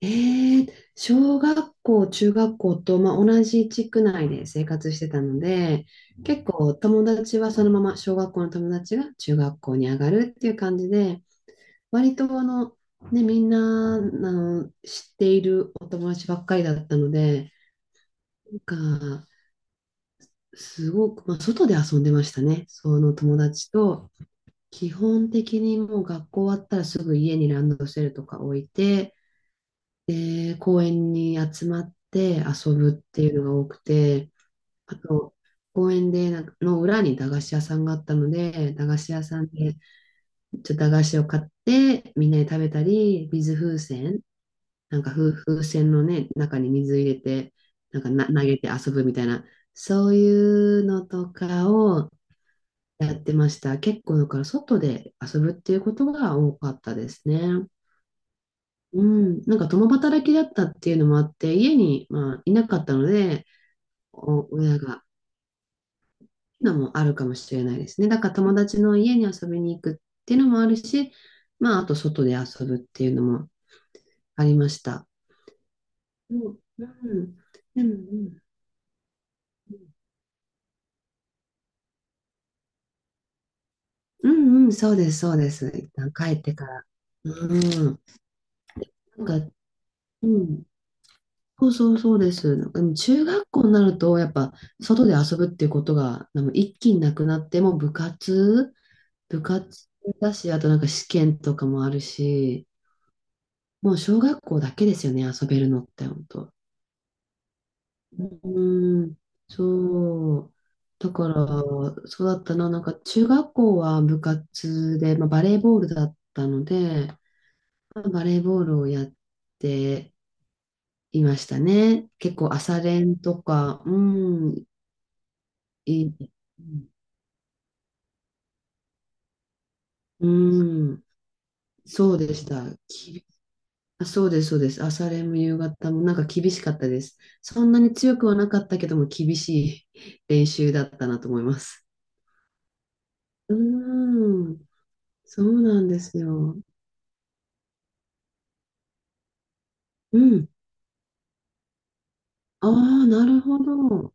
ええ、小学校、中学校と、まあ、同じ地区内で生活してたので、結構友達はそのまま、小学校の友達が中学校に上がるっていう感じで、割とあの、ね、みんな、あの、知っているお友達ばっかりだったので、なんか、すごく、まあ、外で遊んでましたね。その友達と、基本的にもう学校終わったらすぐ家にランドセルとか置いて、で、公園に集まって遊ぶっていうのが多くて、あと、公園でなんかの裏に駄菓子屋さんがあったので、駄菓子屋さんでちょっと駄菓子を買ってみんなで食べたり、水風船、なんか風船のね、中に水入れて、なんかな投げて遊ぶみたいな、そういうのとかをやってました。結構だから外で遊ぶっていうことが多かったですね。うん、なんか共働きだったっていうのもあって、家に、まあ、いなかったので、お親が、っていうのもあるかもしれないですね。だから友達の家に遊びに行くっていうのもあるし、まあ、あと外で遊ぶっていうのもありました。うん、うん、でも、うん、うんうん、そうです、そうです。一旦帰ってから。うん、なんか、うん、そうそうそうです。なんかでも中学校になると、やっぱ、外で遊ぶっていうことが、なんか一気になくなって、もう部活だし、あとなんか試験とかもあるし、もう小学校だけですよね、遊べるのって、本当。うん、そう。だから、そうだったな、なんか中学校は部活で、まあ、バレーボールだったので、まあバレーボールをやっていましたね。結構朝練とか、うん、いい、うん、そうでした。あ、そうです、そうです。朝練も夕方もなんか厳しかったです。そんなに強くはなかったけども、厳しい 練習だったなと思います。うーん、そうなんですよ。うん。ああ、なるほど。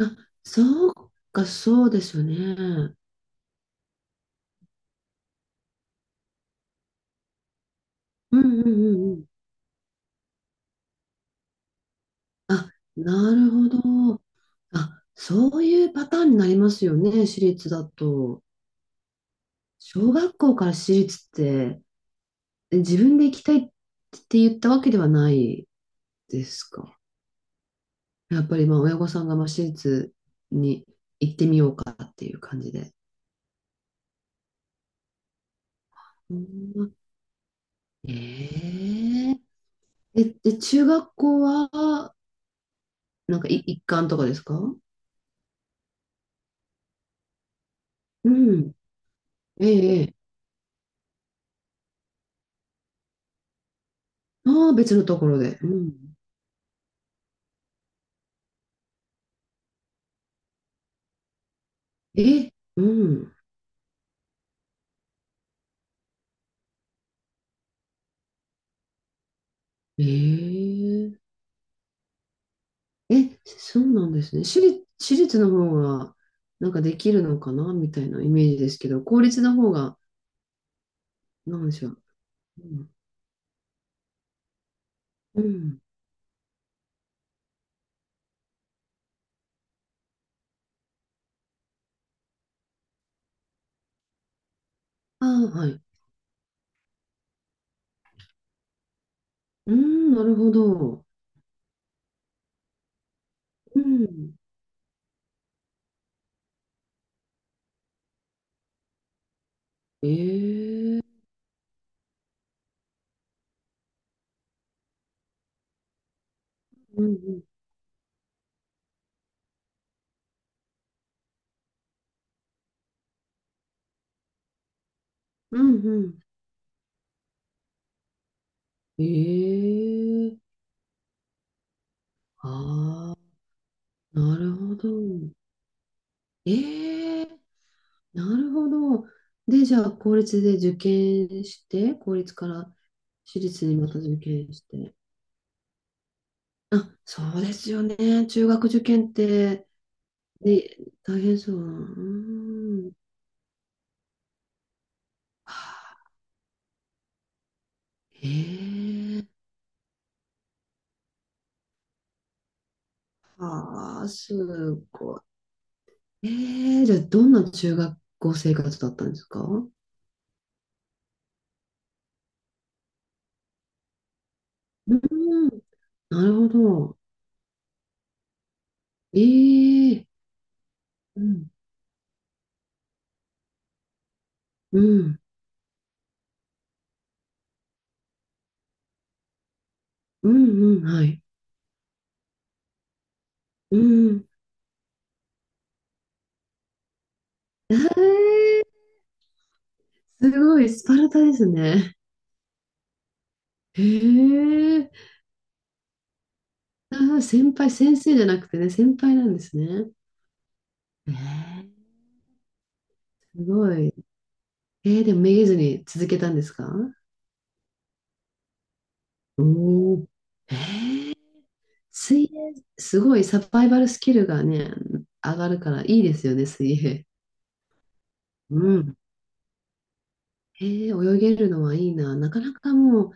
あ、そうか、そうですよね。うんうんうんうん。あ、なるほど。あ、そういうパターンになりますよね、私立だと。小学校から私立って、自分で行きたいって言ったわけではないですか？やっぱりまあ親御さんがまあ私立に行ってみようかっていう感じで。うん、えー、で、中学校は、なんかい一貫とかですか？うん。ええ、ええ。ああ、別のところで。うん。え、うん。ええ。え、そうなんですね。私立の方が、なんかできるのかなみたいなイメージですけど、公立の方が、なんでしょう。うん。うん。ああ、はい。うん、なるほど。うん。ええ、うんうん。うんうん。ええ、ああ、なるほど。ええ、なるほど。で、じゃあ、公立で受験して、公立から私立にまた受験して。あ、そうですよね。中学受験って、ね、大変そう。うん。ええ、ああ、すごい。ええ、じゃあ、どんな中学校生活だったんですか？うん、なるほど。ええ、うん。うん、うん、うん、はい。うん。ええ、すごい、スパルタですね。ええ、あ、先輩、先生じゃなくてね、先輩なんですね。ええ、すごい。ええ、でもめげずに続けたんですか？おお、ええ、水泳、すごいサバイバルスキルがね、上がるからいいですよね、水泳。うん。ええ、泳げるのはいいな。なかなかも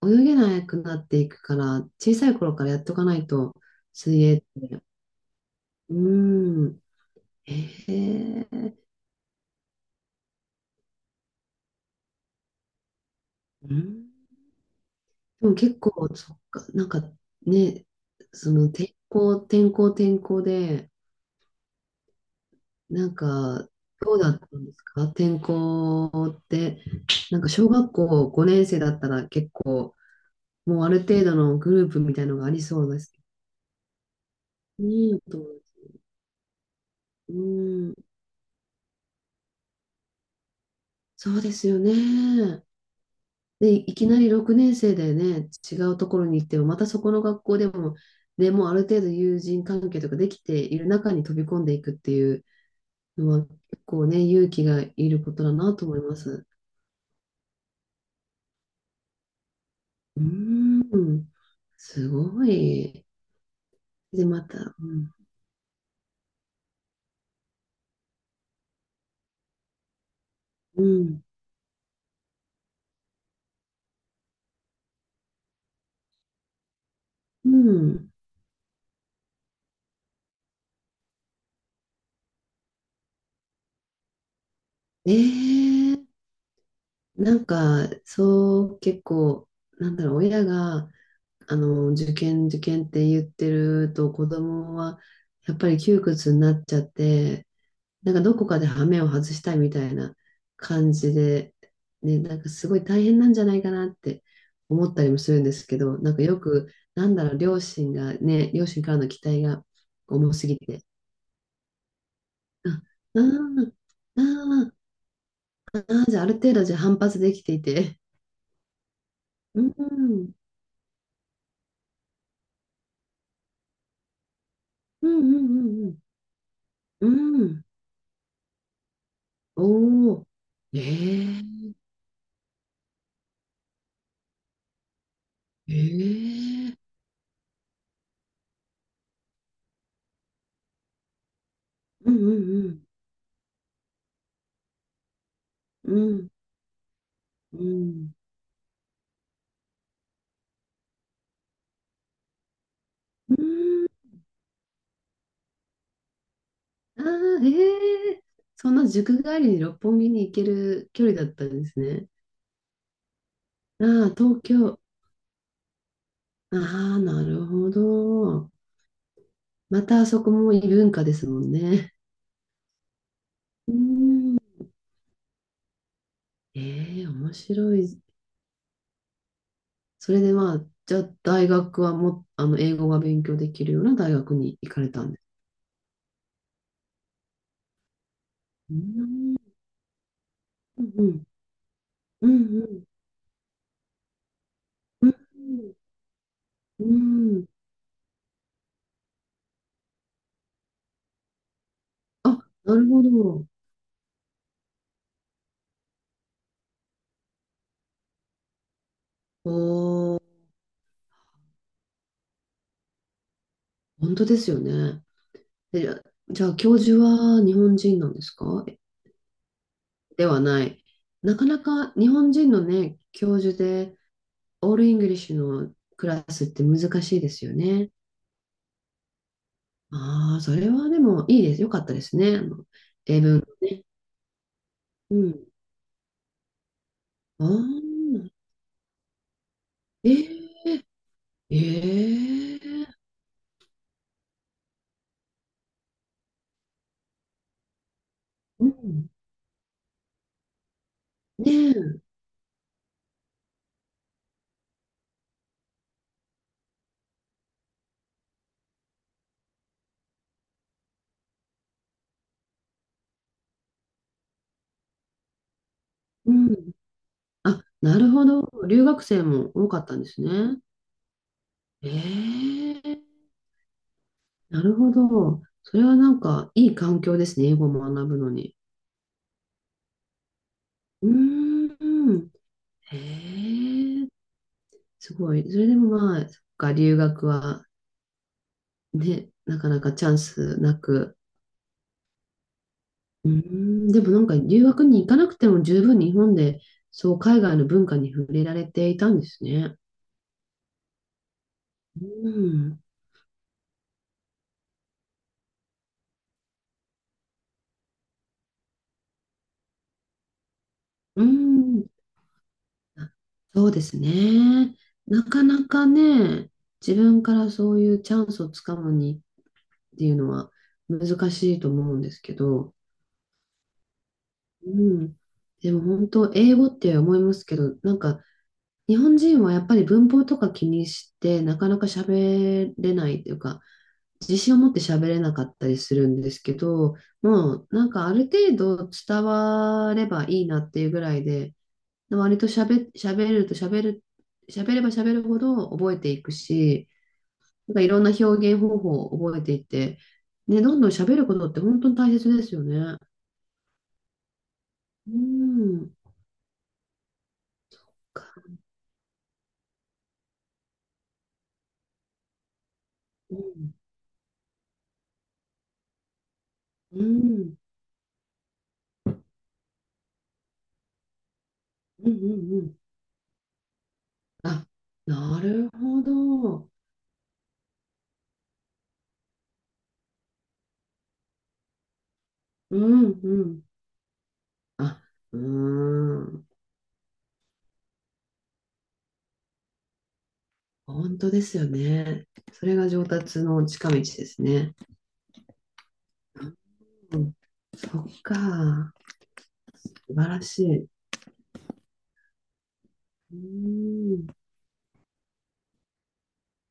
う、泳げなくなっていくから、小さい頃からやっとかないと、水泳って。うん。へえ。うん。でも結構、そっか、なんかね、その天候で、なんか、どうだったんですか天候って、なんか小学校5年生だったら結構、もうある程度のグループみたいのがありそうです。いいと思います。うん、そうですよね。で、いきなり6年生でね、違うところに行っても、またそこの学校でも、ね、もうある程度友人関係とかできている中に飛び込んでいくっていうのは、結構ね、勇気がいることだなと思います。うーん、すごい。で、また、うん、うん、うん。えー、なんか、そう、結構、なんだろう、親が、あの、受験って言ってると、子供は、やっぱり窮屈になっちゃって、なんかどこかで羽目を外したいみたいな感じで、ね、なんかすごい大変なんじゃないかなって思ったりもするんですけど、なんかよく、なんだろう、両親がね、両親からの期待が重すぎて、あ、あーあー、あーじゃあある程度じゃあ反発できていて、うん、うんうんうんうん、うん、おお、えー、ええ、うんうんうん、うん、うん、うん。ああ、ええ、そんな塾帰りに六本木に行ける距離だったんですね。ああ、東京。ああ、なるほど。またあそこも異文化ですもんね。うん。ええ、面白い。それでまあ、じゃあ大学はも、あの、英語が勉強できるような大学に行かれたんです。うん。うんうん。うんうん。うんうん。あ、なるほど。おー、本当ですよね。で、じゃあ、教授は日本人なんですか？ではない。なかなか日本人のね、教授で、オールイングリッシュのクラスって難しいですよね。ああ、それはでもいいです。よかったですね。あの、英文のね。うん。ああ、えー、えー、うん。ねえ、うん。あ、なるほど。留学生も多かったんですね。ええ、なるほど。それはなんかいい環境ですね、英語を学ぶのに。うーん。へえ、すごい。それでもまあ、そっか、留学はね、なかなかチャンスなく。うーん、でもなんか留学に行かなくても十分日本で、そう海外の文化に触れられていたんですね。うん、うん、あ、そうですね。なかなかね、自分からそういうチャンスをつかむにっていうのは難しいと思うんですけど、うん、でも本当、英語って思いますけど、なんか、日本人はやっぱり文法とか気にして、なかなか喋れないというか、自信を持って喋れなかったりするんですけど、もうなんかある程度伝わればいいなっていうぐらいで、割と喋れば喋るほど覚えていくし、なんかいろんな表現方法を覚えていって、ね、どんどん喋ることって本当に大切ですよね。うん。かうん。うん。うん。うん。うん、あ、なるほど。うんうん。あ、うーん。本当ですよね。それが上達の近道ですね。うん、そっか。素晴らしい。うーん。